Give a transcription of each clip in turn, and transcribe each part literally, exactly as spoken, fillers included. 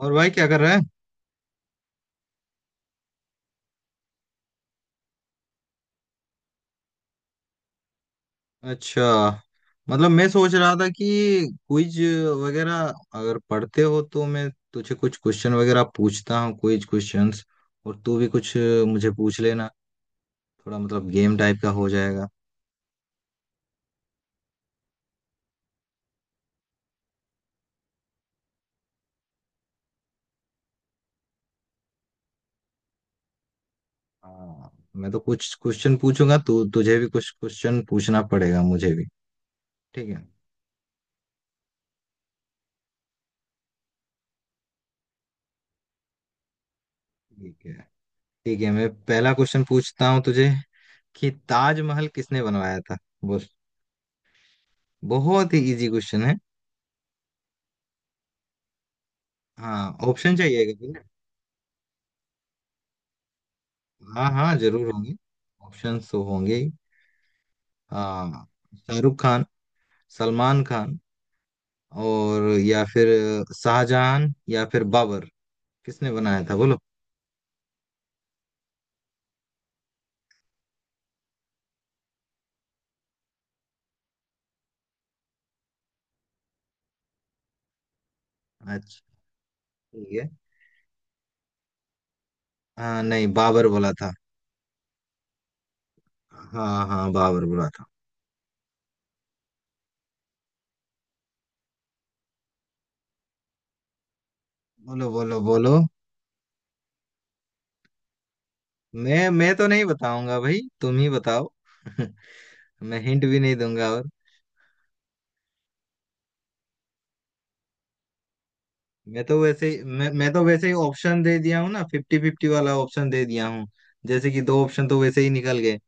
और भाई क्या कर रहा है? अच्छा। मतलब मैं सोच रहा था कि क्विज वगैरह अगर पढ़ते हो तो मैं तुझे कुछ क्वेश्चन वगैरह पूछता हूँ क्विज क्वेश्चंस, और तू भी कुछ मुझे पूछ लेना। थोड़ा मतलब गेम टाइप का हो जाएगा। हाँ। मैं तो कुछ क्वेश्चन पूछूंगा, तू तुझे भी कुछ क्वेश्चन पूछना पड़ेगा मुझे भी। ठीक है। ठीक है। ठीक है, मैं पहला क्वेश्चन पूछता हूँ तुझे कि ताजमहल किसने बनवाया था। बोल। बहुत ही इजी क्वेश्चन है। हाँ ऑप्शन चाहिए। हाँ हाँ जरूर होंगे, ऑप्शंस तो होंगे ही। हाँ, शाहरुख खान, सलमान खान, और या फिर शाहजहां या फिर बाबर, किसने बनाया था बोलो? अच्छा। ठीक है। हाँ नहीं, बाबर बोला था। हाँ हाँ, बाबर बोला था। बोलो बोलो बोलो। मैं मैं तो नहीं बताऊंगा भाई, तुम ही बताओ। मैं हिंट भी नहीं दूंगा और। मैं तो वैसे ही- मैं मैं तो वैसे ही ऑप्शन दे दिया हूँ ना, फिफ्टी फिफ्टी वाला ऑप्शन दे दिया हूँ। जैसे कि दो ऑप्शन तो वैसे ही निकल गए।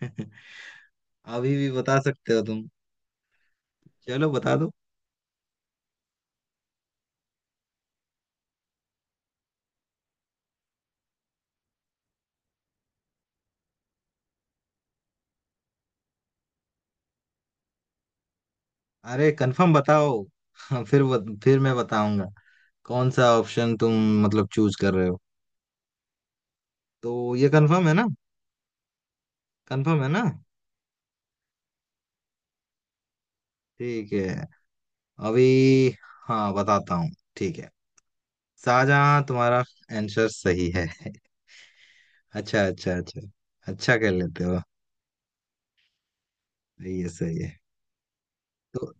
अभी भी बता सकते हो तुम। चलो बता दो। अरे कंफर्म बताओ। हाँ, फिर बत, फिर मैं बताऊंगा। कौन सा ऑप्शन तुम मतलब चूज कर रहे हो? तो ये कंफर्म है ना? कंफर्म है ना? ठीक है, अभी हाँ बताता हूँ। ठीक है, शाहजहां तुम्हारा आंसर सही है। अच्छा अच्छा अच्छा। अच्छा कर लेते हो। सही है, सही है। तो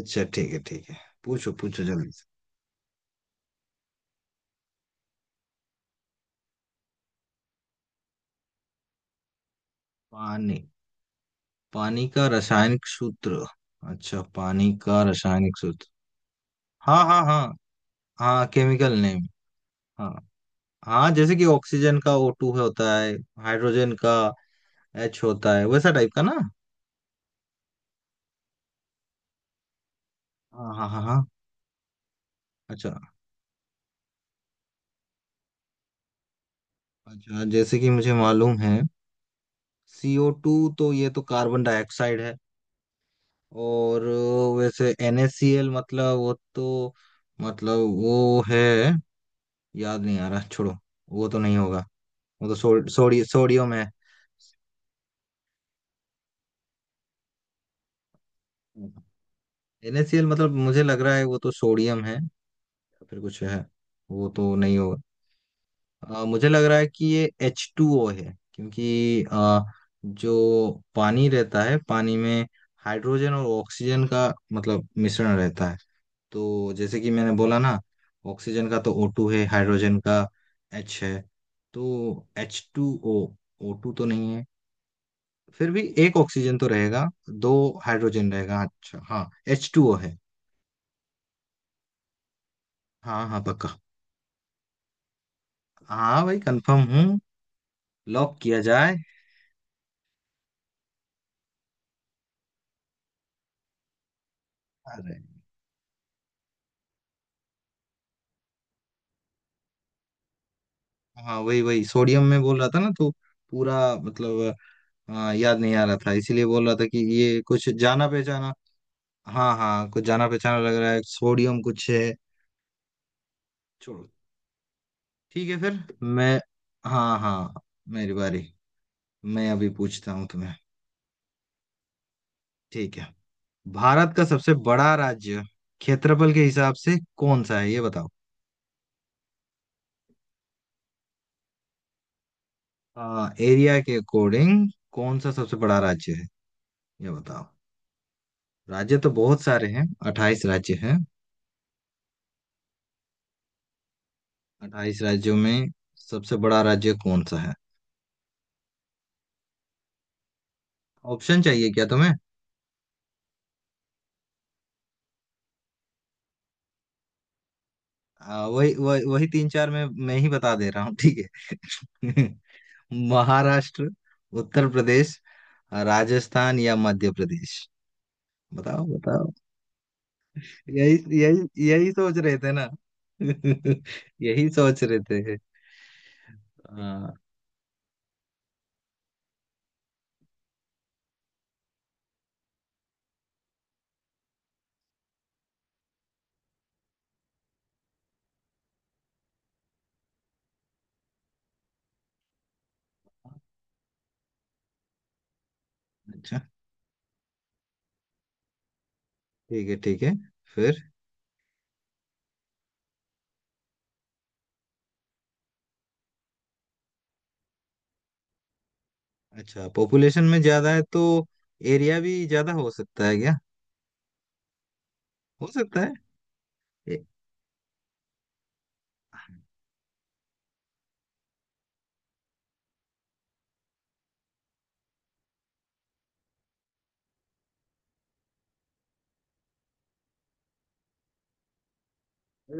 अच्छा, ठीक है ठीक है, पूछो पूछो जल्दी से। पानी। पानी का रासायनिक सूत्र। अच्छा, पानी का रासायनिक सूत्र। हाँ हाँ हाँ हाँ, केमिकल नेम। हाँ हाँ, जैसे कि ऑक्सीजन का ओ टू होता है, हाइड्रोजन का एच होता है, वैसा टाइप का ना। हाँ हाँ हाँ हाँ। अच्छा। अच्छा, जैसे कि मुझे मालूम है, सीओ टू तो ये तो कार्बन डाइऑक्साइड है। और वैसे NaCl मतलब वो तो, मतलब वो है, याद नहीं आ रहा, छोड़ो। वो तो नहीं होगा। वो तो सो, सोडी सोडियम है। NaCl मतलब मुझे लग रहा है वो तो सोडियम है। तो फिर कुछ है। वो तो नहीं होगा। अ, मुझे लग रहा है कि ये एच टू ओ है, क्योंकि अ, जो पानी रहता है, पानी में हाइड्रोजन और ऑक्सीजन का मतलब मिश्रण रहता है। तो जैसे कि मैंने बोला ना, ऑक्सीजन का तो ओ टू है, हाइड्रोजन का एच है, तो H two O. O two तो नहीं है, फिर भी एक ऑक्सीजन तो रहेगा, दो हाइड्रोजन रहेगा। अच्छा हाँ, एच टू ओ है। हाँ हाँ पक्का। हाँ भाई, कंफर्म हूँ। लॉक किया जाए। अरे हाँ, वही वही सोडियम में बोल रहा था ना, तो पूरा मतलब आ, याद नहीं आ रहा था, इसीलिए बोल रहा था कि ये कुछ जाना पहचाना। हाँ हाँ, कुछ जाना पहचाना लग रहा है, सोडियम कुछ है। छोड़ो। ठीक है, फिर मैं। हाँ हाँ, मेरी बारी, मैं अभी पूछता हूँ तुम्हें। ठीक है। भारत का सबसे बड़ा राज्य क्षेत्रफल के हिसाब से कौन सा है ये बताओ। आ, एरिया के अकॉर्डिंग कौन सा सबसे बड़ा राज्य है ये बताओ। राज्य तो बहुत सारे हैं, अट्ठाईस राज्य हैं। अट्ठाईस राज्यों में सबसे बड़ा राज्य कौन सा है? ऑप्शन चाहिए क्या तुम्हें? आ, वही वही वही तीन चार में मैं ही बता दे रहा हूँ, ठीक है। महाराष्ट्र, उत्तर प्रदेश, राजस्थान या मध्य प्रदेश। बताओ बताओ। यही यही यही सोच रहे थे ना। यही सोच रहे थे आ, अच्छा। ठीक है ठीक है फिर। अच्छा, पॉपुलेशन में ज्यादा है तो एरिया भी ज्यादा हो सकता है क्या? हो सकता है।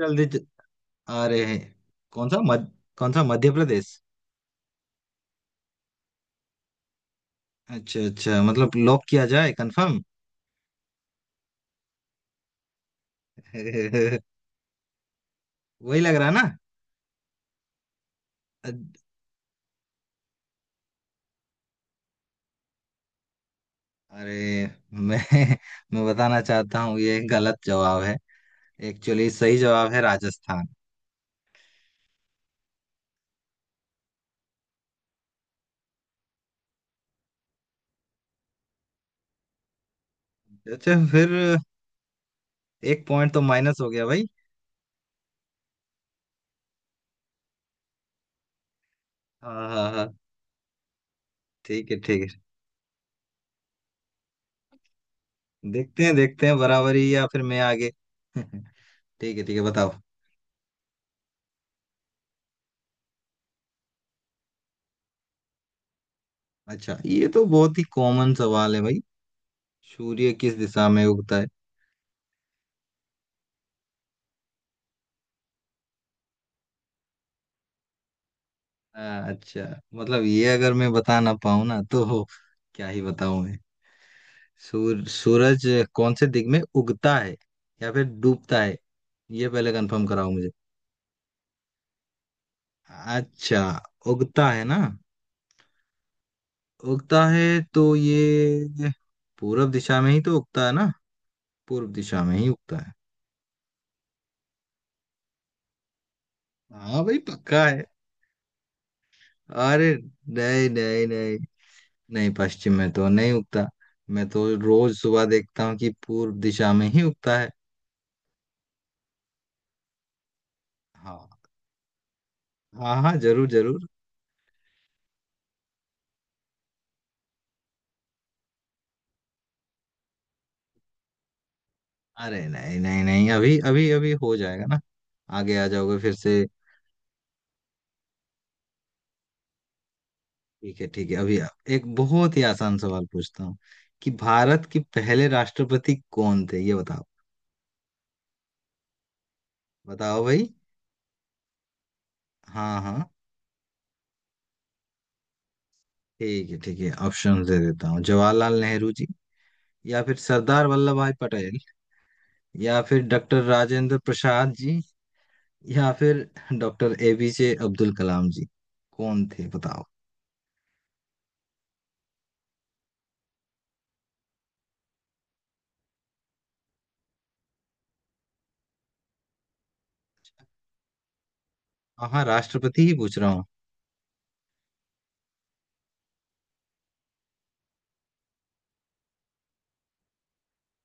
जल्दी ज- आ रहे हैं। कौन सा मध कौन सा मध्य प्रदेश? अच्छा अच्छा, मतलब लॉक किया जाए, कंफर्म। वही लग रहा है ना। अद- अरे, मैं मैं बताना चाहता हूँ, ये गलत जवाब है। एक्चुअली सही जवाब है राजस्थान। अच्छा फिर, एक पॉइंट तो माइनस हो गया भाई। हाँ हाँ हाँ, ठीक है ठीक है, देखते हैं देखते हैं, बराबरी या फिर मैं आगे। ठीक है ठीक है, बताओ। अच्छा, ये तो बहुत ही कॉमन सवाल है भाई। सूर्य किस दिशा में उगता है? हाँ, अच्छा। मतलब ये अगर मैं बता ना पाऊँ ना, तो क्या ही बताऊं मैं। सूर, सूरज कौन से दिग में उगता है, या फिर डूबता है, ये पहले कंफर्म कराओ मुझे। अच्छा, उगता है ना? उगता है, तो ये पूरब दिशा में ही तो उगता है ना? पूर्व दिशा में ही उगता है। हाँ भाई पक्का है। अरे नहीं नहीं नहीं नहीं, पश्चिम में तो नहीं उगता। मैं तो रोज सुबह देखता हूँ कि पूर्व दिशा में ही उगता है। हाँ हाँ हाँ, जरूर जरूर। अरे नहीं नहीं नहीं, अभी अभी अभी हो जाएगा ना, आगे आ जाओगे फिर से। ठीक है ठीक है, अभी आप- एक बहुत ही आसान सवाल पूछता हूँ कि भारत के पहले राष्ट्रपति कौन थे ये बताओ। बताओ भाई। हाँ हाँ। ठीक है ठीक है, ऑप्शन दे देता हूँ। जवाहरलाल नेहरू जी, या फिर सरदार वल्लभ भाई पटेल, या फिर डॉक्टर राजेंद्र प्रसाद जी, या फिर डॉक्टर ए पी जे अब्दुल कलाम जी, कौन थे बताओ। हाँ हाँ, राष्ट्रपति ही पूछ रहा हूँ।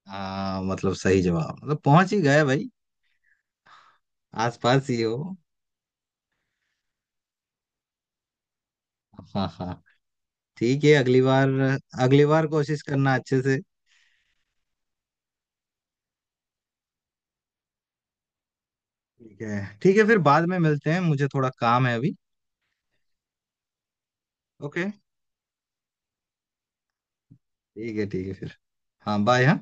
हाँ मतलब सही जवाब, मतलब पहुंच ही गए भाई। आसपास ही हो। हाँ हाँ, ठीक है, अगली बार, अगली बार कोशिश करना अच्छे से। ठीक है ठीक है, फिर बाद में मिलते हैं, मुझे थोड़ा काम है अभी। ओके, ठीक है ठीक है फिर। हाँ बाय, हाँ।